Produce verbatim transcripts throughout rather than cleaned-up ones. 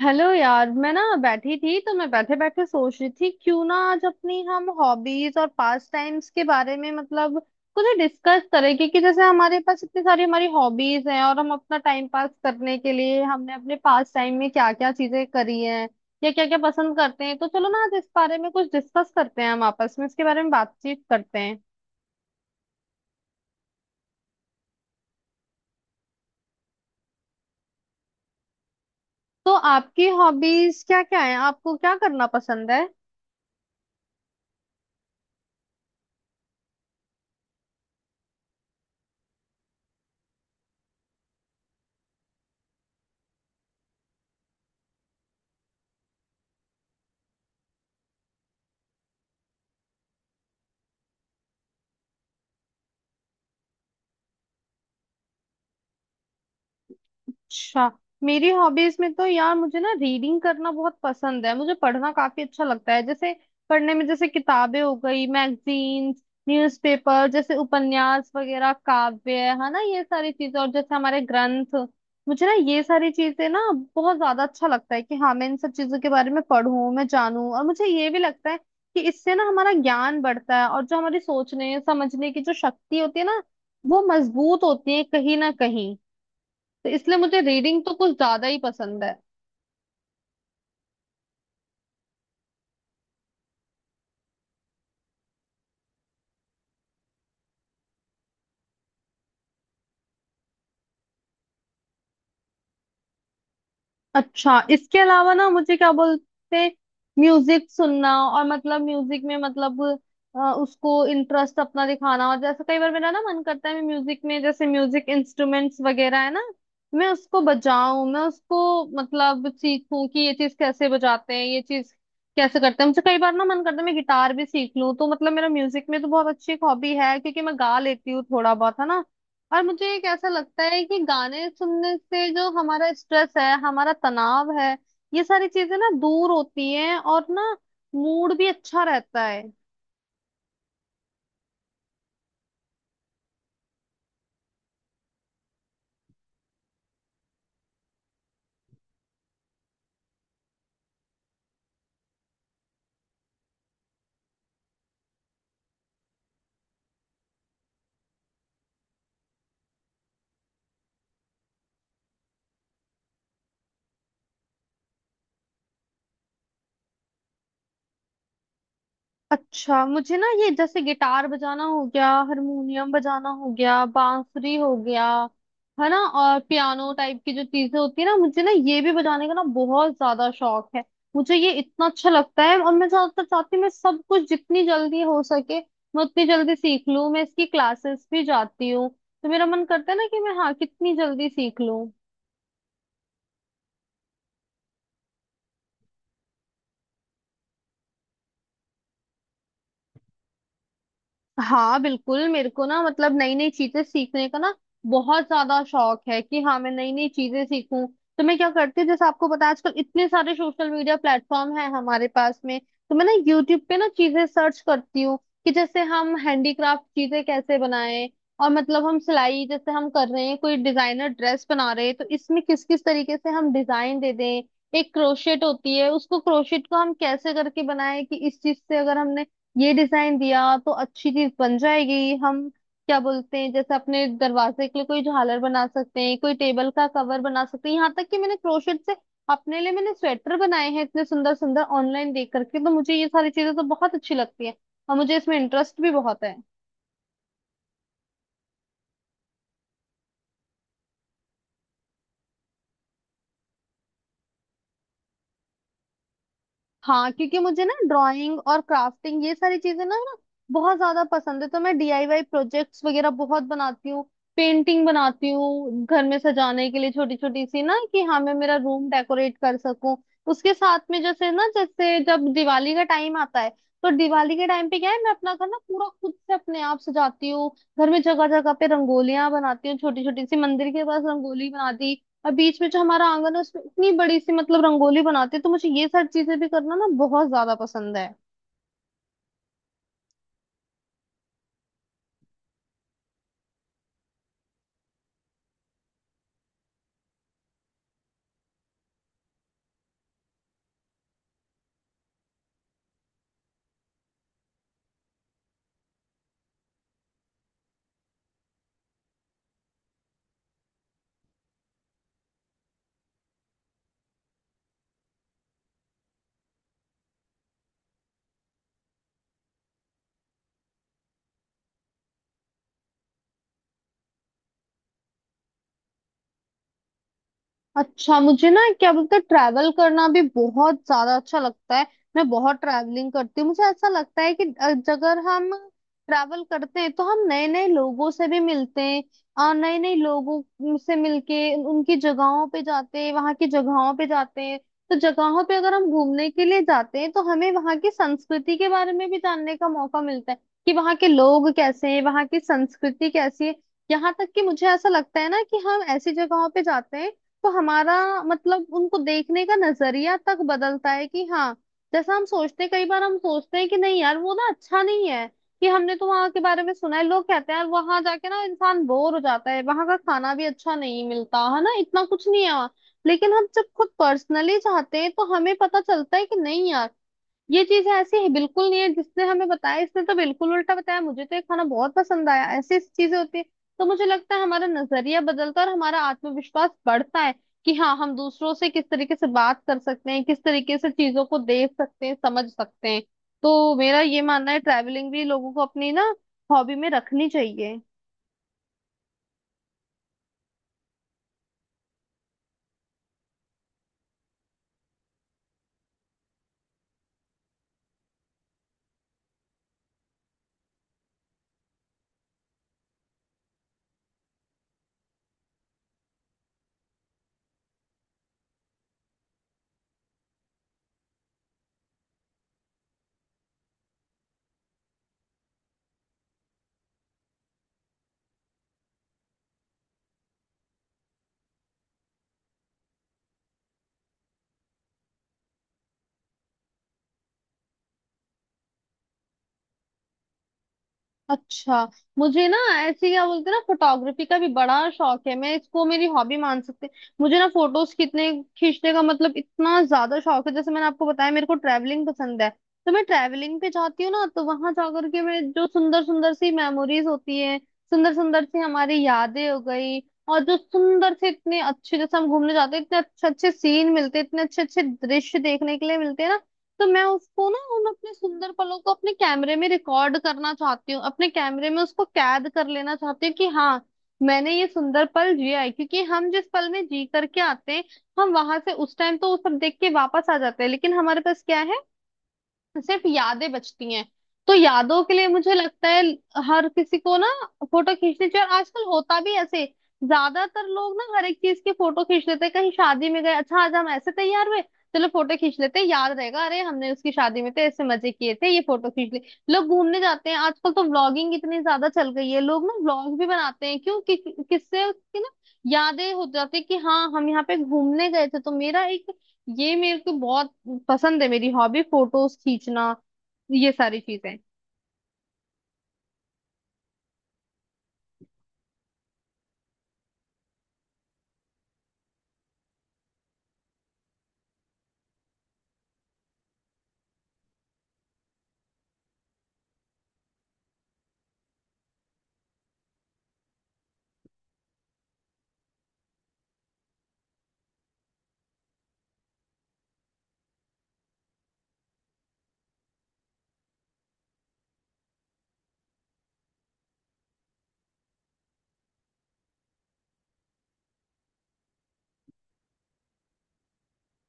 Hello यार, मैं ना बैठी थी तो मैं बैठे बैठे सोच रही थी क्यों ना आज अपनी हम हॉबीज और पास टाइम्स के बारे में मतलब कुछ डिस्कस करें। क्योंकि जैसे हमारे पास इतनी सारी हमारी हॉबीज हैं और हम अपना टाइम पास करने के लिए हमने अपने पास टाइम में क्या क्या चीजें करी हैं या क्या क्या पसंद करते हैं, तो चलो ना आज इस बारे में कुछ डिस्कस करते हैं, हम आपस में इसके बारे में बातचीत करते हैं। तो आपकी हॉबीज क्या क्या है? आपको क्या करना पसंद है? अच्छा, मेरी हॉबीज में तो यार मुझे ना रीडिंग करना बहुत पसंद है। मुझे पढ़ना काफी अच्छा लगता है, जैसे पढ़ने में जैसे किताबें हो गई, मैगजीन्स, न्यूज़पेपर, जैसे उपन्यास वगैरह, काव्य है ना, ये सारी चीजें, और जैसे हमारे ग्रंथ, मुझे ना ये सारी चीजें ना बहुत ज्यादा अच्छा लगता है कि हाँ मैं इन सब चीजों के बारे में पढूं, मैं जानूं। और मुझे ये भी लगता है कि इससे ना हमारा ज्ञान बढ़ता है और जो हमारी सोचने समझने की जो शक्ति होती है ना, वो मजबूत होती है कहीं ना कहीं। तो इसलिए मुझे रीडिंग तो कुछ ज्यादा ही पसंद है। अच्छा, इसके अलावा ना मुझे क्या बोलते हैं, म्यूजिक सुनना, और मतलब म्यूजिक में मतलब अ, उसको इंटरेस्ट अपना दिखाना। और जैसे कई बार मेरा ना मन करता है, मैं म्यूजिक में जैसे म्यूजिक इंस्ट्रूमेंट्स वगैरह है ना, मैं उसको बजाऊं, मैं उसको मतलब सीखूं कि ये चीज कैसे बजाते हैं, ये चीज कैसे करते हैं। मुझे कई बार ना मन करता है मैं गिटार भी सीख लूं, तो मतलब मेरा म्यूजिक में तो बहुत अच्छी एक हॉबी है, क्योंकि मैं गा लेती हूँ थोड़ा बहुत, है ना। और मुझे एक ऐसा लगता है कि गाने सुनने से जो हमारा स्ट्रेस है, हमारा तनाव है, ये सारी चीजें ना दूर होती हैं, और ना मूड भी अच्छा रहता है। अच्छा, मुझे ना ये जैसे गिटार बजाना हो गया, हारमोनियम बजाना हो गया, बांसुरी हो गया, है ना, और पियानो टाइप की जो चीजें होती है ना, मुझे ना ये भी बजाने का ना बहुत ज्यादा शौक है। मुझे ये इतना अच्छा लगता है, और मैं ज्यादातर चाहती हूँ मैं सब कुछ जितनी जल्दी हो सके मैं उतनी जल्दी सीख लूँ। मैं इसकी क्लासेस भी जाती हूँ, तो मेरा मन करता है ना कि मैं हाँ कितनी जल्दी सीख लूँ। हाँ बिल्कुल, मेरे को ना मतलब नई नई चीजें सीखने का ना बहुत ज्यादा शौक है कि हाँ मैं नई नई चीजें सीखूं। तो मैं क्या करती हूँ, जैसे आपको पता है आजकल इतने सारे सोशल मीडिया प्लेटफॉर्म है हमारे पास में, तो मैं ना यूट्यूब पे ना चीजें सर्च करती हूँ कि जैसे हम हैंडीक्राफ्ट चीजें कैसे बनाएं। और मतलब हम सिलाई, जैसे हम कर रहे हैं कोई डिजाइनर ड्रेस बना रहे हैं, तो इसमें किस किस तरीके से हम डिजाइन दे दें। एक क्रोशेट होती है, उसको क्रोशेट को हम कैसे करके बनाएं कि इस चीज से अगर हमने ये डिजाइन दिया तो अच्छी चीज बन जाएगी। हम क्या बोलते हैं, जैसे अपने दरवाजे के लिए कोई झालर बना सकते हैं, कोई टेबल का कवर बना सकते हैं, यहाँ तक कि मैंने क्रोशेट से अपने लिए मैंने स्वेटर बनाए हैं इतने सुंदर सुंदर, ऑनलाइन देख करके। तो मुझे ये सारी चीजें तो बहुत अच्छी लगती है, और मुझे इसमें इंटरेस्ट भी बहुत है। हाँ, क्योंकि मुझे ना ड्राइंग और क्राफ्टिंग ये सारी चीजें ना ना बहुत ज्यादा पसंद है। तो मैं डीआईवाई प्रोजेक्ट्स वगैरह बहुत बनाती हूँ, पेंटिंग बनाती हूँ घर में सजाने के लिए, छोटी छोटी सी ना, कि हाँ मैं मेरा रूम डेकोरेट कर सकूं। उसके साथ में जैसे ना, जैसे जब दिवाली का टाइम आता है तो दिवाली के टाइम पे क्या है, मैं अपना घर ना पूरा खुद से अपने आप सजाती हूँ। घर में जगह जगह पे रंगोलियां बनाती हूँ छोटी छोटी सी, मंदिर के पास रंगोली बना दी, और बीच में जो हमारा आंगन है उसमें इतनी बड़ी सी मतलब रंगोली बनाते हैं। तो मुझे ये सारी चीजें भी करना ना बहुत ज्यादा पसंद है। अच्छा, मुझे ना क्या बोलते हैं, ट्रैवल करना भी बहुत ज्यादा अच्छा लगता है, मैं बहुत ट्रैवलिंग करती हूँ। मुझे ऐसा लगता है कि अ- अगर हम ट्रैवल करते हैं तो हम नए नए लोगों से भी मिलते हैं, और नए नए लोगों से मिलके उनकी जगहों पे जाते हैं, वहां की जगहों पे जाते हैं। तो जगहों पे अगर हम घूमने के लिए जाते हैं तो हमें वहां की संस्कृति के बारे में भी जानने का मौका मिलता है, कि वहां के लोग कैसे हैं, वहां की संस्कृति कैसी है। यहाँ तक कि मुझे ऐसा लगता है ना कि हम ऐसी जगहों पे जाते हैं तो हमारा मतलब उनको देखने का नजरिया तक बदलता है। कि हाँ, जैसा हम सोचते हैं, कई बार हम सोचते हैं कि नहीं यार वो ना अच्छा नहीं है, कि हमने तो वहां के बारे में सुना है, लोग कहते हैं यार वहां जाके ना इंसान बोर हो जाता है, वहां का खाना भी अच्छा नहीं मिलता है, ना इतना कुछ नहीं है वहाँ। लेकिन हम जब खुद पर्सनली जाते हैं तो हमें पता चलता है कि नहीं यार, ये चीज ऐसी है बिल्कुल नहीं है जिसने हमें बताया, इसने तो बिल्कुल उल्टा बताया, मुझे तो ये खाना बहुत पसंद आया, ऐसी चीजें होती है। तो मुझे लगता है हमारा नजरिया बदलता है, और हमारा आत्मविश्वास बढ़ता है, कि हाँ हम दूसरों से किस तरीके से बात कर सकते हैं, किस तरीके से चीजों को देख सकते हैं, समझ सकते हैं। तो मेरा ये मानना है ट्रैवलिंग भी लोगों को अपनी ना हॉबी में रखनी चाहिए। अच्छा, मुझे ना ऐसे क्या बोलते हैं ना, फोटोग्राफी का भी बड़ा शौक है, मैं इसको मेरी हॉबी मान सकते हैं। मुझे ना फोटोज खींचने खींचने का मतलब इतना ज्यादा शौक है। जैसे मैंने आपको बताया मेरे को ट्रैवलिंग पसंद है, तो मैं ट्रैवलिंग पे जाती हूँ ना, तो वहां जाकर के मैं जो सुंदर सुंदर सी मेमोरीज होती है, सुंदर सुंदर सी हमारी यादें हो गई, और जो सुंदर से इतने अच्छे, जैसे हम घूमने जाते हैं इतने अच्छे अच्छे सीन मिलते हैं, इतने अच्छे अच्छे दृश्य देखने के लिए मिलते हैं ना, तो मैं उसको ना उन अपने सुंदर पलों को अपने कैमरे में रिकॉर्ड करना चाहती हूँ, अपने कैमरे में उसको कैद कर लेना चाहती हूँ कि हाँ मैंने ये सुंदर पल जिया है। क्योंकि हम जिस पल में जी करके आते हैं, हम वहां से उस टाइम तो वो सब देख के वापस आ जाते हैं, लेकिन हमारे पास क्या है, सिर्फ यादें बचती हैं। तो यादों के लिए मुझे लगता है हर किसी को ना फोटो खींचनी चाहिए। और आजकल होता भी ऐसे, ज्यादातर लोग ना हर एक चीज की फोटो खींच लेते हैं, कहीं शादी में गए, अच्छा आज हम ऐसे तैयार हुए चलो फोटो खींच लेते हैं, याद रहेगा, अरे हमने उसकी शादी में तो ऐसे मजे किए थे, ये फोटो खींच ली। लोग घूमने जाते हैं, आजकल तो व्लॉगिंग इतनी ज्यादा चल गई है, लोग ना व्लॉग भी बनाते हैं, क्यों कि, कि, किससे उसकी ना यादें हो जाती है कि हाँ हम यहाँ पे घूमने गए थे। तो मेरा एक ये मेरे को बहुत पसंद है, मेरी हॉबी फोटोज खींचना, ये सारी चीजें।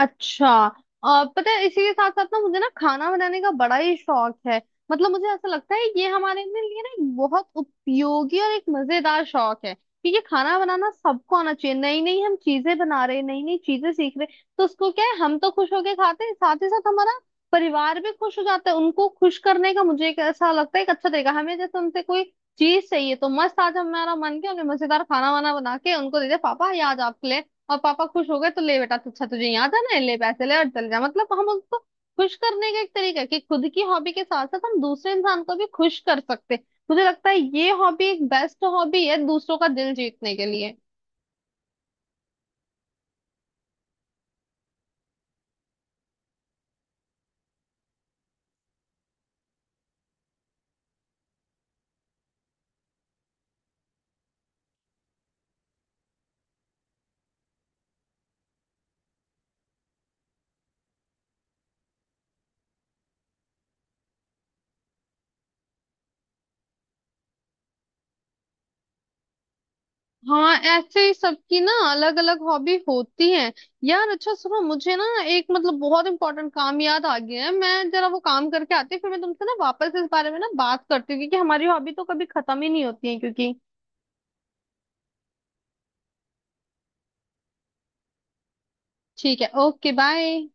अच्छा, आ, पता है इसी के साथ साथ ना मुझे ना खाना बनाने का बड़ा ही शौक है। मतलब मुझे ऐसा लगता है ये हमारे ने लिए ना एक बहुत उपयोगी और एक मजेदार शौक है, क्योंकि खाना बनाना सबको आना चाहिए, नई नई हम चीजें बना रहे, नई नई चीजें सीख रहे, तो उसको क्या है, हम तो खुश होके खाते हैं, साथ ही साथ हमारा परिवार भी खुश हो जाता है। उनको खुश करने का मुझे एक ऐसा लगता है एक अच्छा तरीका, हमें जैसे उनसे कोई चीज चाहिए तो मस्त आज हमारा मन किया हमने मजेदार खाना वाना बना के उनको दे दिया, पापा ये आज आपके लिए, और पापा खुश हो गए, तो ले बेटा तो अच्छा तुझे यहाँ जाना है ले पैसे ले और चल जा। मतलब हम उसको खुश करने का एक तरीका है कि खुद की हॉबी के साथ साथ हम दूसरे इंसान को भी खुश कर सकते हैं। मुझे लगता है ये हॉबी एक बेस्ट हॉबी है दूसरों का दिल जीतने के लिए। हाँ, ऐसे ही सबकी ना अलग अलग हॉबी होती है। यार अच्छा सुनो, मुझे ना एक मतलब बहुत इंपॉर्टेंट काम याद आ गया है, मैं जरा वो काम करके आती हूँ, फिर मैं तुमसे ना वापस इस बारे में ना बात करती हूँ, क्योंकि हमारी हॉबी तो कभी खत्म ही नहीं होती है, क्योंकि ठीक है। Okay, bye.